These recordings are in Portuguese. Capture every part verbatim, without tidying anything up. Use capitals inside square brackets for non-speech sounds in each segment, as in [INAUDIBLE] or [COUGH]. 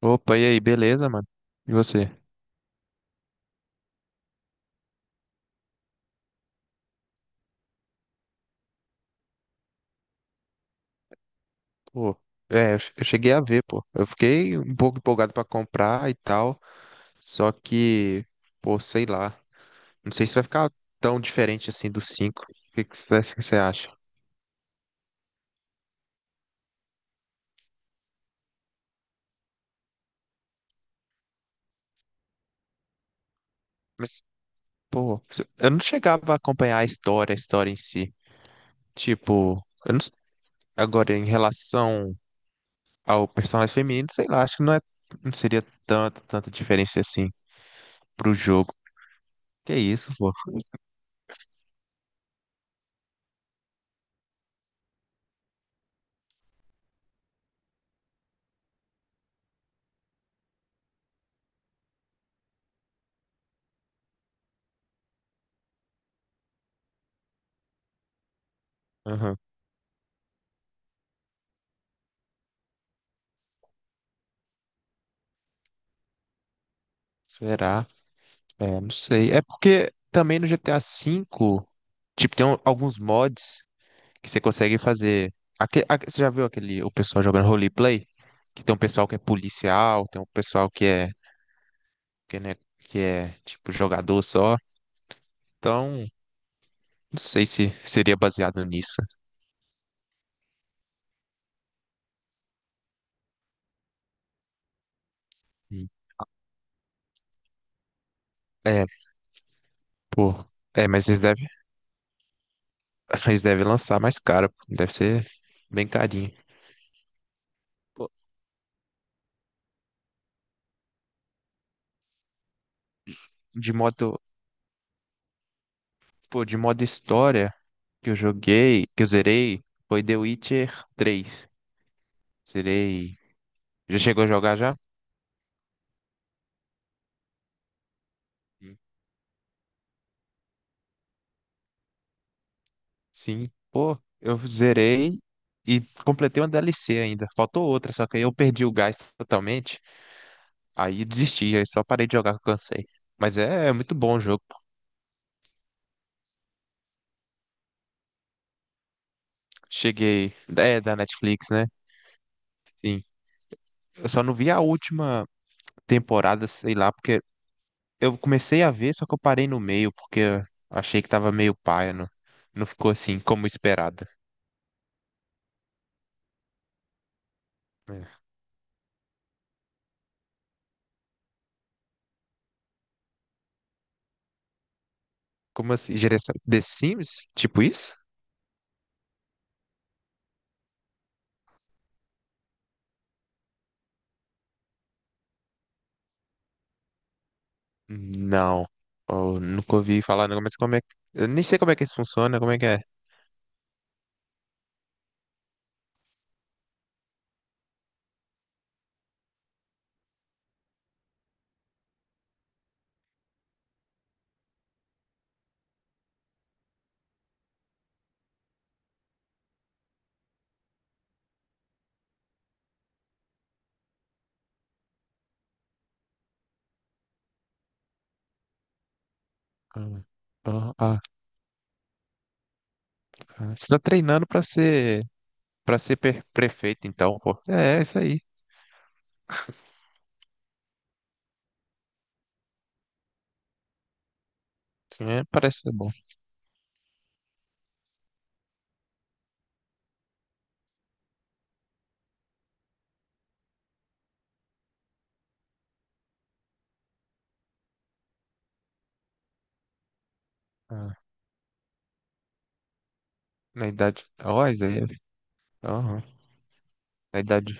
Opa, e aí, beleza, mano? E você? Pô, é, eu che- eu cheguei a ver, pô. Eu fiquei um pouco empolgado pra comprar e tal, só que, pô, sei lá. Não sei se vai ficar tão diferente assim do cinco. O que que você acha? Mas, pô, eu não chegava a acompanhar a história, a história em si. Tipo, eu não s- agora em relação ao personagem feminino, sei lá, acho que não é, não seria tanta, tanta diferença assim pro jogo. Que isso, pô? Aham. Será? É, não sei. É porque também no G T A vê, tipo, tem um- alguns mods que você consegue fazer. Aque- aque- você já viu aquele, o pessoal jogando roleplay? Que tem um pessoal que é policial, tem um pessoal que é, que, né, que é, tipo, jogador só. Então, não sei se seria baseado nisso. Hum. É, pô. É, mas eles devem, [LAUGHS] eles devem lançar mais caro. Pô. Deve ser bem carinho. Pô, de modo, pô, de modo história que eu joguei, que eu zerei, foi The Witcher três. Zerei. Já chegou a jogar já? Sim. Sim. Pô, eu zerei e completei uma D L C ainda. Faltou outra, só que aí eu perdi o gás totalmente. Aí desisti, aí só parei de jogar que eu cansei. Mas é, é muito bom o jogo. Cheguei. É da Netflix, né? Sim. Eu só não vi a última temporada, sei lá, porque eu comecei a ver, só que eu parei no meio, porque eu achei que tava meio paia, não, não ficou assim como esperado. É. Como assim? Geração The Sims? Tipo isso? Não. Eu nunca ouvi falar, não, mas como é que. Eu nem sei como é que isso funciona, como é que é? Ah, ah, ah, ah. Você tá treinando pra ser para ser per- prefeito, então, pô. É, é isso aí. Isso mesmo parece ser bom. Ah, na idade. Ó, isso aí. Aham. Na idade,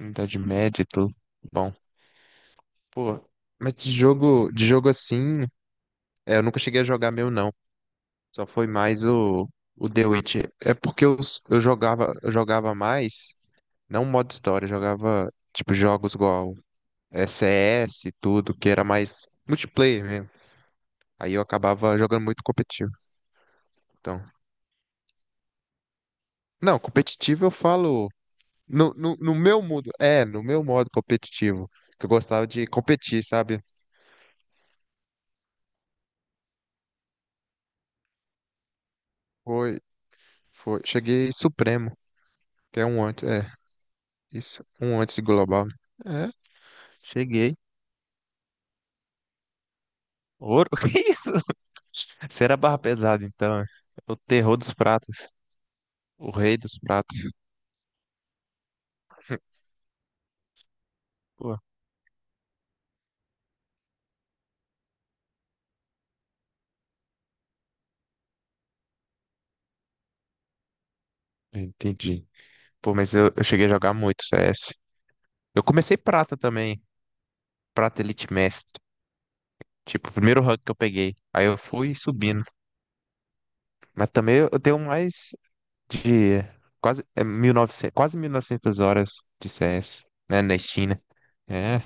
na idade média e tudo. Bom. Pô, mas de jogo, de jogo assim, é, eu nunca cheguei a jogar meu, não. Só foi mais o, o The Witcher. É porque eu, eu jogava, eu jogava mais. Não modo história, jogava tipo jogos igual é, C S e tudo, que era mais multiplayer mesmo. Aí eu acabava jogando muito competitivo. Então, não, competitivo eu falo no, no, no meu modo, é, no meu modo competitivo, que eu gostava de competir, sabe? Foi, foi, cheguei supremo, que é um antes, é, isso, um antes de global. Né? É, cheguei. Ouro, [LAUGHS] que isso? Você era barra pesada, então. É. O terror dos pratos, o rei dos pratos. Pô, entendi. Pô, mas eu, eu cheguei a jogar muito C S. Eu comecei prata também, prata Elite Mestre. Tipo, o primeiro rank que eu peguei. Aí eu fui subindo. Mas também eu tenho mais de quase é, mil e novecentas quase mil e novecentas horas de C S, né, na Steam, né? É,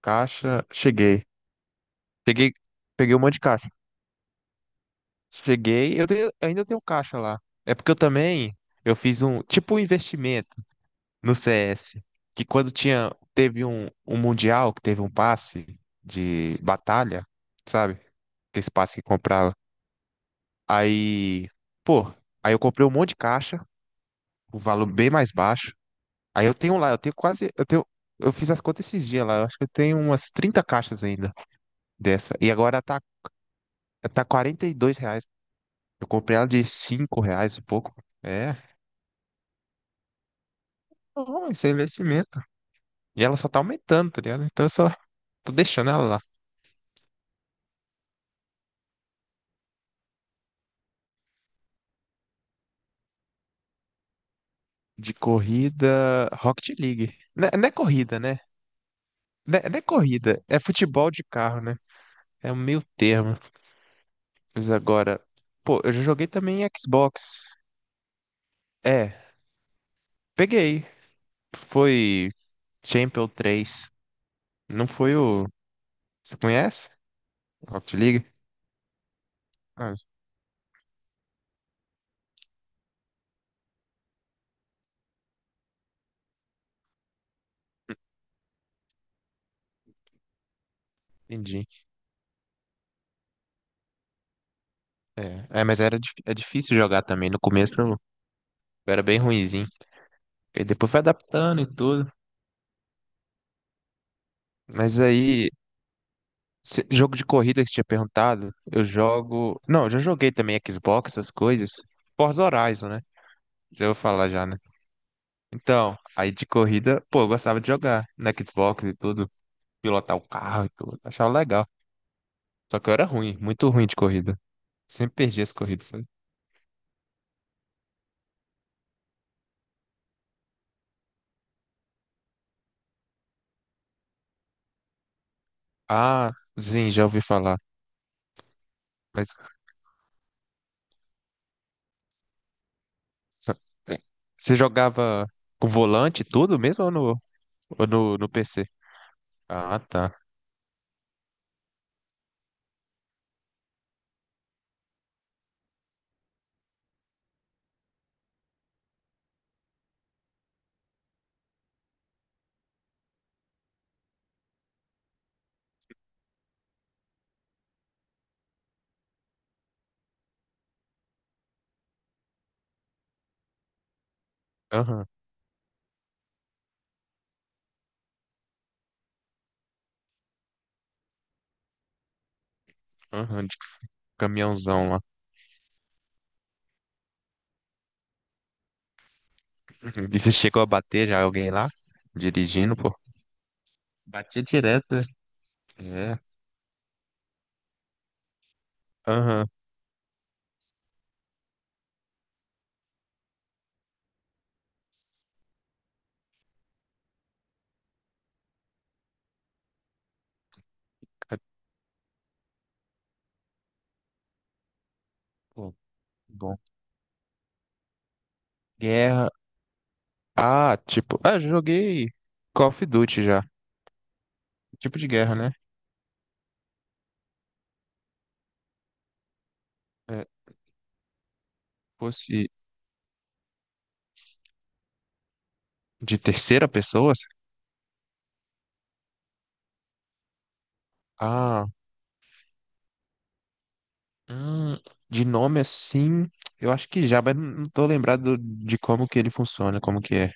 caixa, cheguei. Peguei, peguei um monte de caixa. Cheguei, eu tenho- ainda tenho caixa lá. É porque eu também, eu fiz um, tipo um investimento no C S, que quando tinha, teve um, um mundial que teve um passe de batalha, sabe? Aquele passe que comprava. Aí, pô, aí eu comprei um monte de caixa, o valor bem mais baixo. Aí eu tenho lá, eu tenho quase, eu tenho, eu fiz as contas esses dias lá, eu acho que eu tenho umas trinta caixas ainda dessa. E agora tá, tá quarenta e dois reais. Eu comprei ela de cinco reais e pouco. É, bom, isso é investimento. E ela só tá aumentando, tá ligado? Então eu só tô deixando ela lá. De corrida, Rocket League. Né- Não é, corrida, né? Né- Não é, corrida, é futebol de carro, né? É um meio termo. Mas agora, pô, eu já joguei também em Xbox. É, peguei. Foi Champion três. Não foi o. Você conhece? Rocket League? Ah, entendi. É, mas era, dif- é difícil jogar também. No começo eu eu era bem ruinzinho. E depois foi adaptando e tudo. Mas aí se- jogo de corrida que você tinha perguntado, eu jogo. Não, eu já joguei também Xbox, essas coisas. Forza Horizon, né? Já vou falar já, né? Então, aí de corrida, pô, eu gostava de jogar na Xbox e tudo, pilotar o carro e tudo, achava legal. Só que eu era ruim, muito ruim de corrida. Sempre perdi as corridas, sabe? Ah, sim, já ouvi falar. Mas você jogava com volante e tudo mesmo ou no, ou no, no P C? Ah, tá. Aham, aham, de caminhãozão. E você chegou a bater já alguém lá? Dirigindo, pô. Batia direto. Né? É. Aham. Ca- Pô, bom. Guerra. Ah, tipo. Ah, eu joguei Call of Duty já. Tipo de guerra, né? É, fosse de terceira pessoa? Ah. hum, de nome assim. Eu acho que já, mas não não tô lembrado de como que ele funciona, como que é.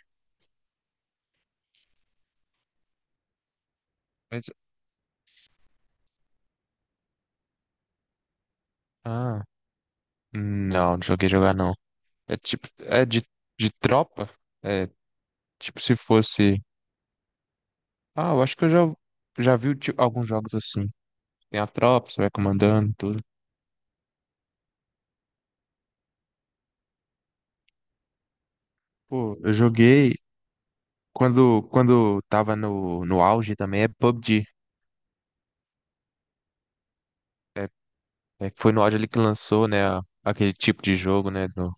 Mas, ah. Não, não joguei jogar não. É tipo. É de, de tropa? É. Tipo, se fosse. Ah, eu acho que eu já, já vi o ti- alguns jogos assim. Tem a tropa, você vai comandando, e tudo. Pô, eu joguei quando, quando tava no, no auge também, é P U B G. É, é, foi no auge ali que lançou, né, a- aquele tipo de jogo, né, do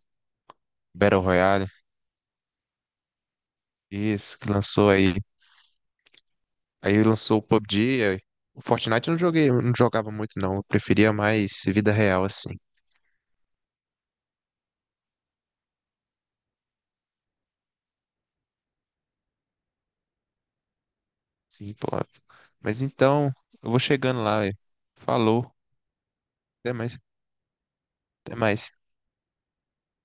Battle Royale. Isso, que lançou aí. Aí lançou o P U B G. aí- O Fortnite eu não joguei, eu não jogava muito não. Eu preferia mais vida real, assim. Sim, pô. Mas então, eu vou chegando lá, velho. Falou. Até mais. Até mais.